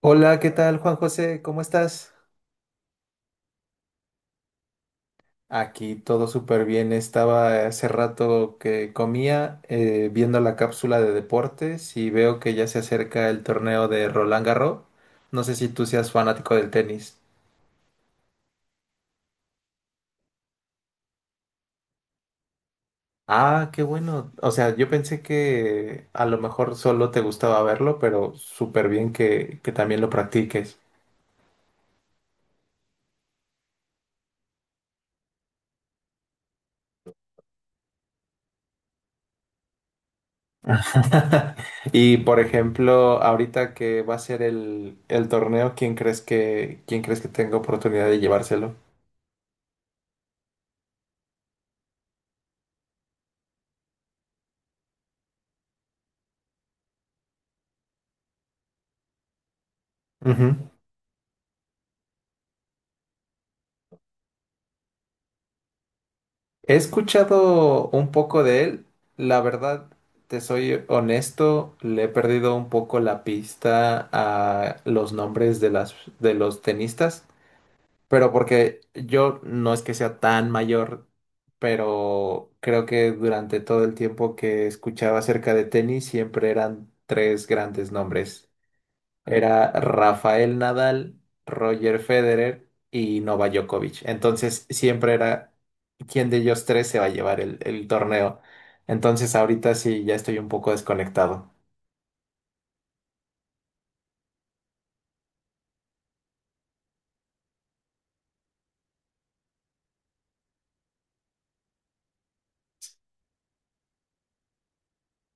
Hola, ¿qué tal, Juan José? ¿Cómo estás? Aquí todo súper bien. Estaba hace rato que comía viendo la cápsula de deportes y veo que ya se acerca el torneo de Roland Garros. No sé si tú seas fanático del tenis. Ah, qué bueno. O sea, yo pensé que a lo mejor solo te gustaba verlo, pero súper bien que también lo practiques. Y por ejemplo, ahorita que va a ser el torneo, ¿ quién crees que tenga oportunidad de llevárselo? Ujú. He escuchado un poco de él. La verdad, te soy honesto, le he perdido un poco la pista a los nombres de las de los tenistas, pero porque yo no es que sea tan mayor, pero creo que durante todo el tiempo que escuchaba acerca de tenis siempre eran tres grandes nombres. Era Rafael Nadal, Roger Federer y Novak Djokovic. Entonces siempre era quién de ellos tres se va a llevar el torneo. Entonces ahorita sí ya estoy un poco desconectado.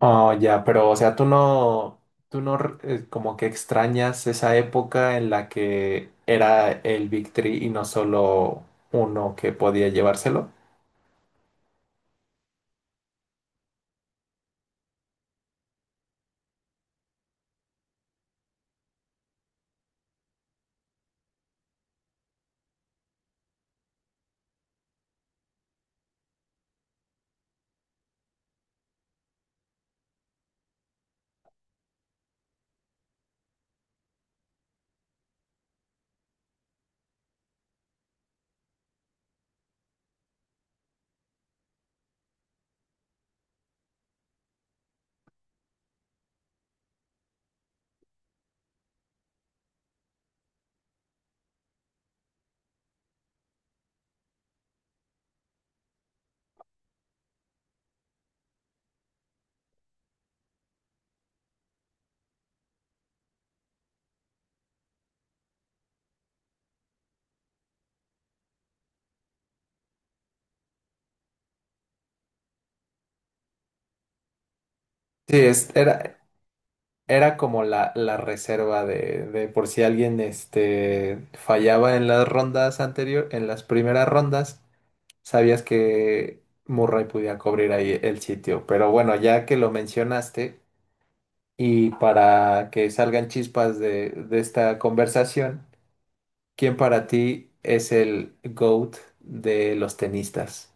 Oh, ya, pero o sea, tú no como que extrañas esa época en la que era el Big Three y no solo uno que podía llevárselo. Sí, era como la reserva de por si alguien este, fallaba en las rondas anterior, en las primeras rondas, sabías que Murray podía cubrir ahí el sitio. Pero bueno, ya que lo mencionaste, y para que salgan chispas de esta conversación, ¿quién para ti es el GOAT de los tenistas?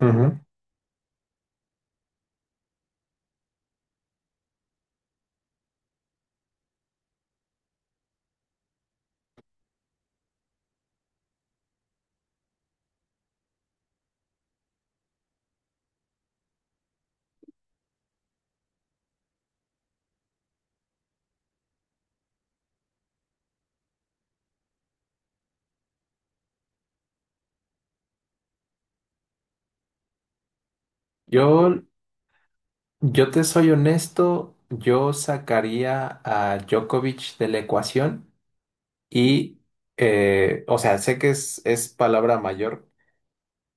Ujú. Yo, yo te soy honesto, yo sacaría a Djokovic de la ecuación. Y, o sea, sé que es palabra mayor,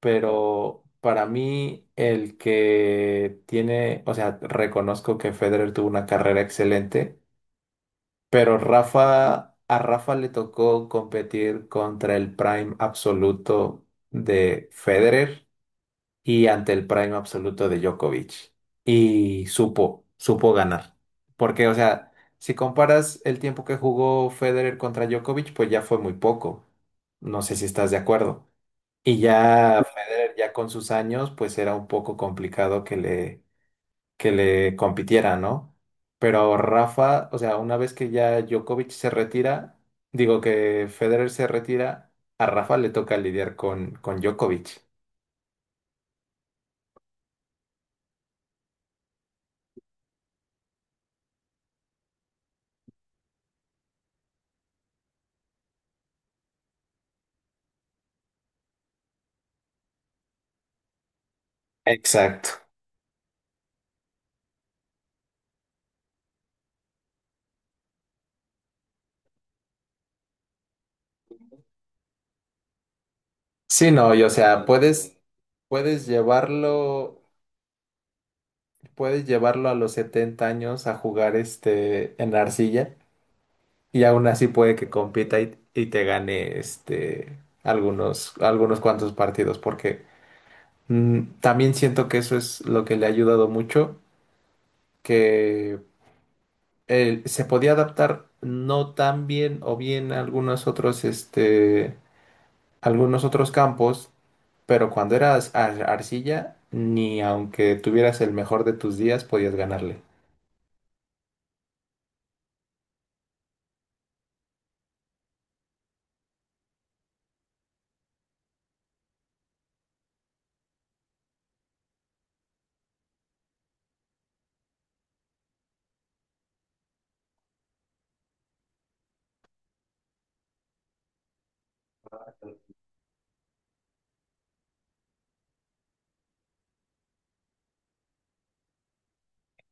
pero para mí el que tiene, o sea, reconozco que Federer tuvo una carrera excelente, pero Rafa, a Rafa le tocó competir contra el prime absoluto de Federer y ante el prime absoluto de Djokovic. Y supo ganar. Porque, o sea, si comparas el tiempo que jugó Federer contra Djokovic, pues ya fue muy poco. No sé si estás de acuerdo. Y ya Federer, ya con sus años, pues era un poco complicado que le compitiera, ¿no? Pero Rafa, o sea, una vez que ya Djokovic se retira, digo que Federer se retira, a Rafa le toca lidiar con Djokovic. Exacto. Sí, no, y o sea, puedes puedes llevarlo a los 70 años a jugar este en arcilla y aún así puede que compita y te gane este algunos, algunos cuantos partidos, porque mm, también siento que eso es lo que le ha ayudado mucho, que él se podía adaptar no tan bien o bien a algunos otros este algunos otros campos, pero cuando eras arcilla, ni aunque tuvieras el mejor de tus días, podías ganarle.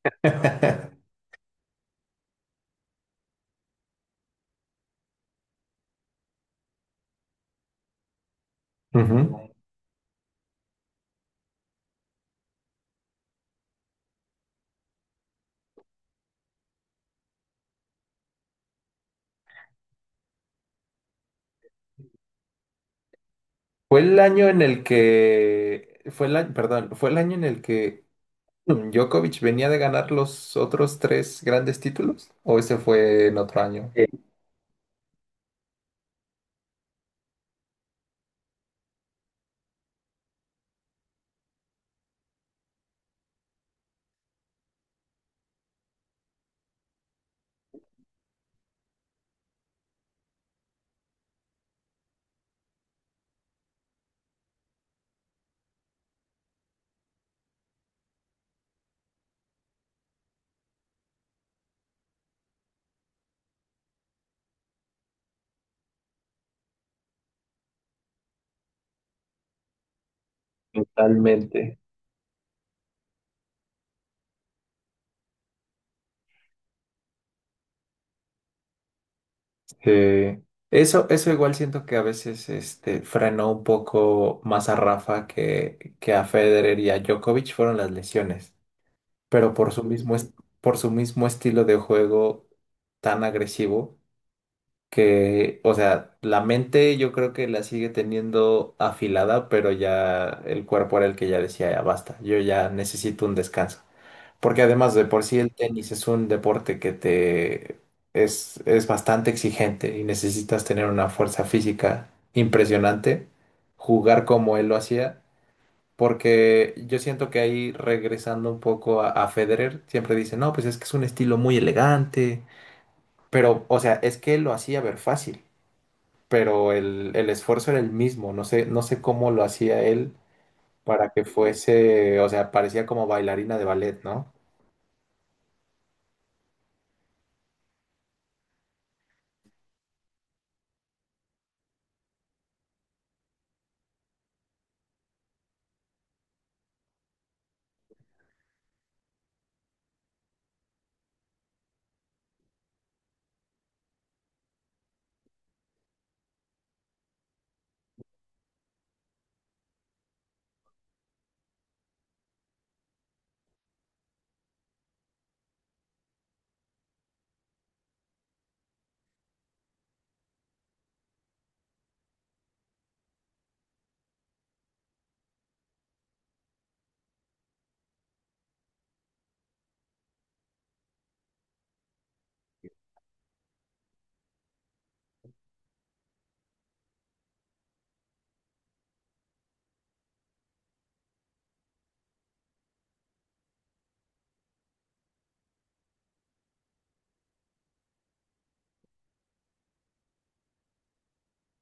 Ujú. Fue el año, perdón, fue el año en el que Djokovic venía de ganar los otros tres grandes títulos, o ese fue en otro año. Totalmente. Sí. Eso igual siento que a veces este, frenó un poco más a Rafa que a Federer y a Djokovic fueron las lesiones. Pero por su mismo, est- por su mismo estilo de juego tan agresivo que, o sea, la mente yo creo que la sigue teniendo afilada, pero ya el cuerpo era el que ya decía, ya basta, yo ya necesito un descanso. Porque además de por sí el tenis es un deporte que te es bastante exigente y necesitas tener una fuerza física impresionante. Jugar como él lo hacía, porque yo siento que ahí regresando un poco a Federer, siempre dice, no, pues es que es un estilo muy elegante, pero, o sea, es que él lo hacía ver fácil, pero el esfuerzo era el mismo, no sé cómo lo hacía él para que fuese, o sea, parecía como bailarina de ballet, ¿no?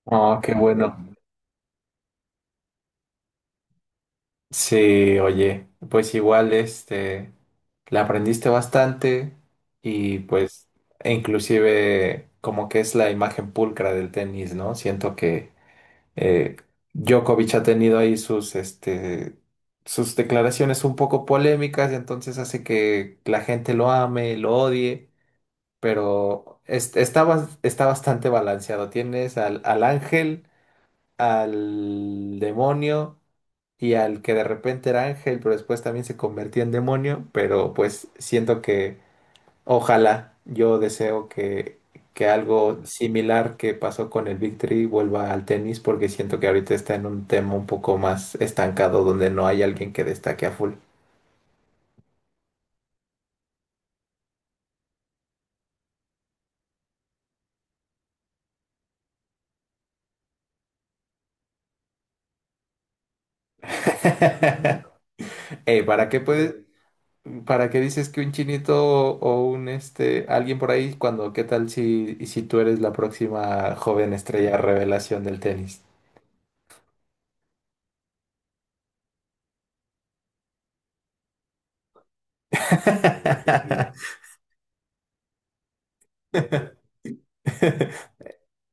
Oh, qué bueno. Sí, oye, pues igual este, la aprendiste bastante y pues, e inclusive como que es la imagen pulcra del tenis, ¿no? Siento que... Eh, Djokovic ha tenido ahí sus, este, sus declaraciones un poco polémicas y entonces hace que la gente lo ame, lo odie, pero está, está bastante balanceado. Tienes al ángel, al demonio y al que de repente era ángel, pero después también se convertía en demonio, pero pues siento... Ojalá, yo deseo que algo similar que pasó con el Big Three vuelva al tenis porque siento que ahorita está en un tema un poco más estancado donde no hay alguien que destaque a full. Eh, ¿para qué puedes, para qué dices que un chinito o un este alguien por ahí cuando qué tal si tú eres la próxima joven estrella revelación del tenis?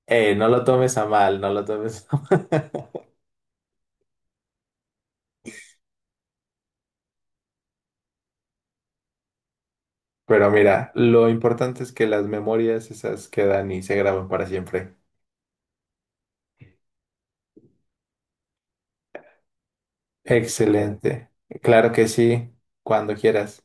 No lo tomes a mal, no lo tomes. Pero mira, lo importante es que las memorias esas quedan y se graban para siempre. Excelente. Claro que sí, cuando quieras.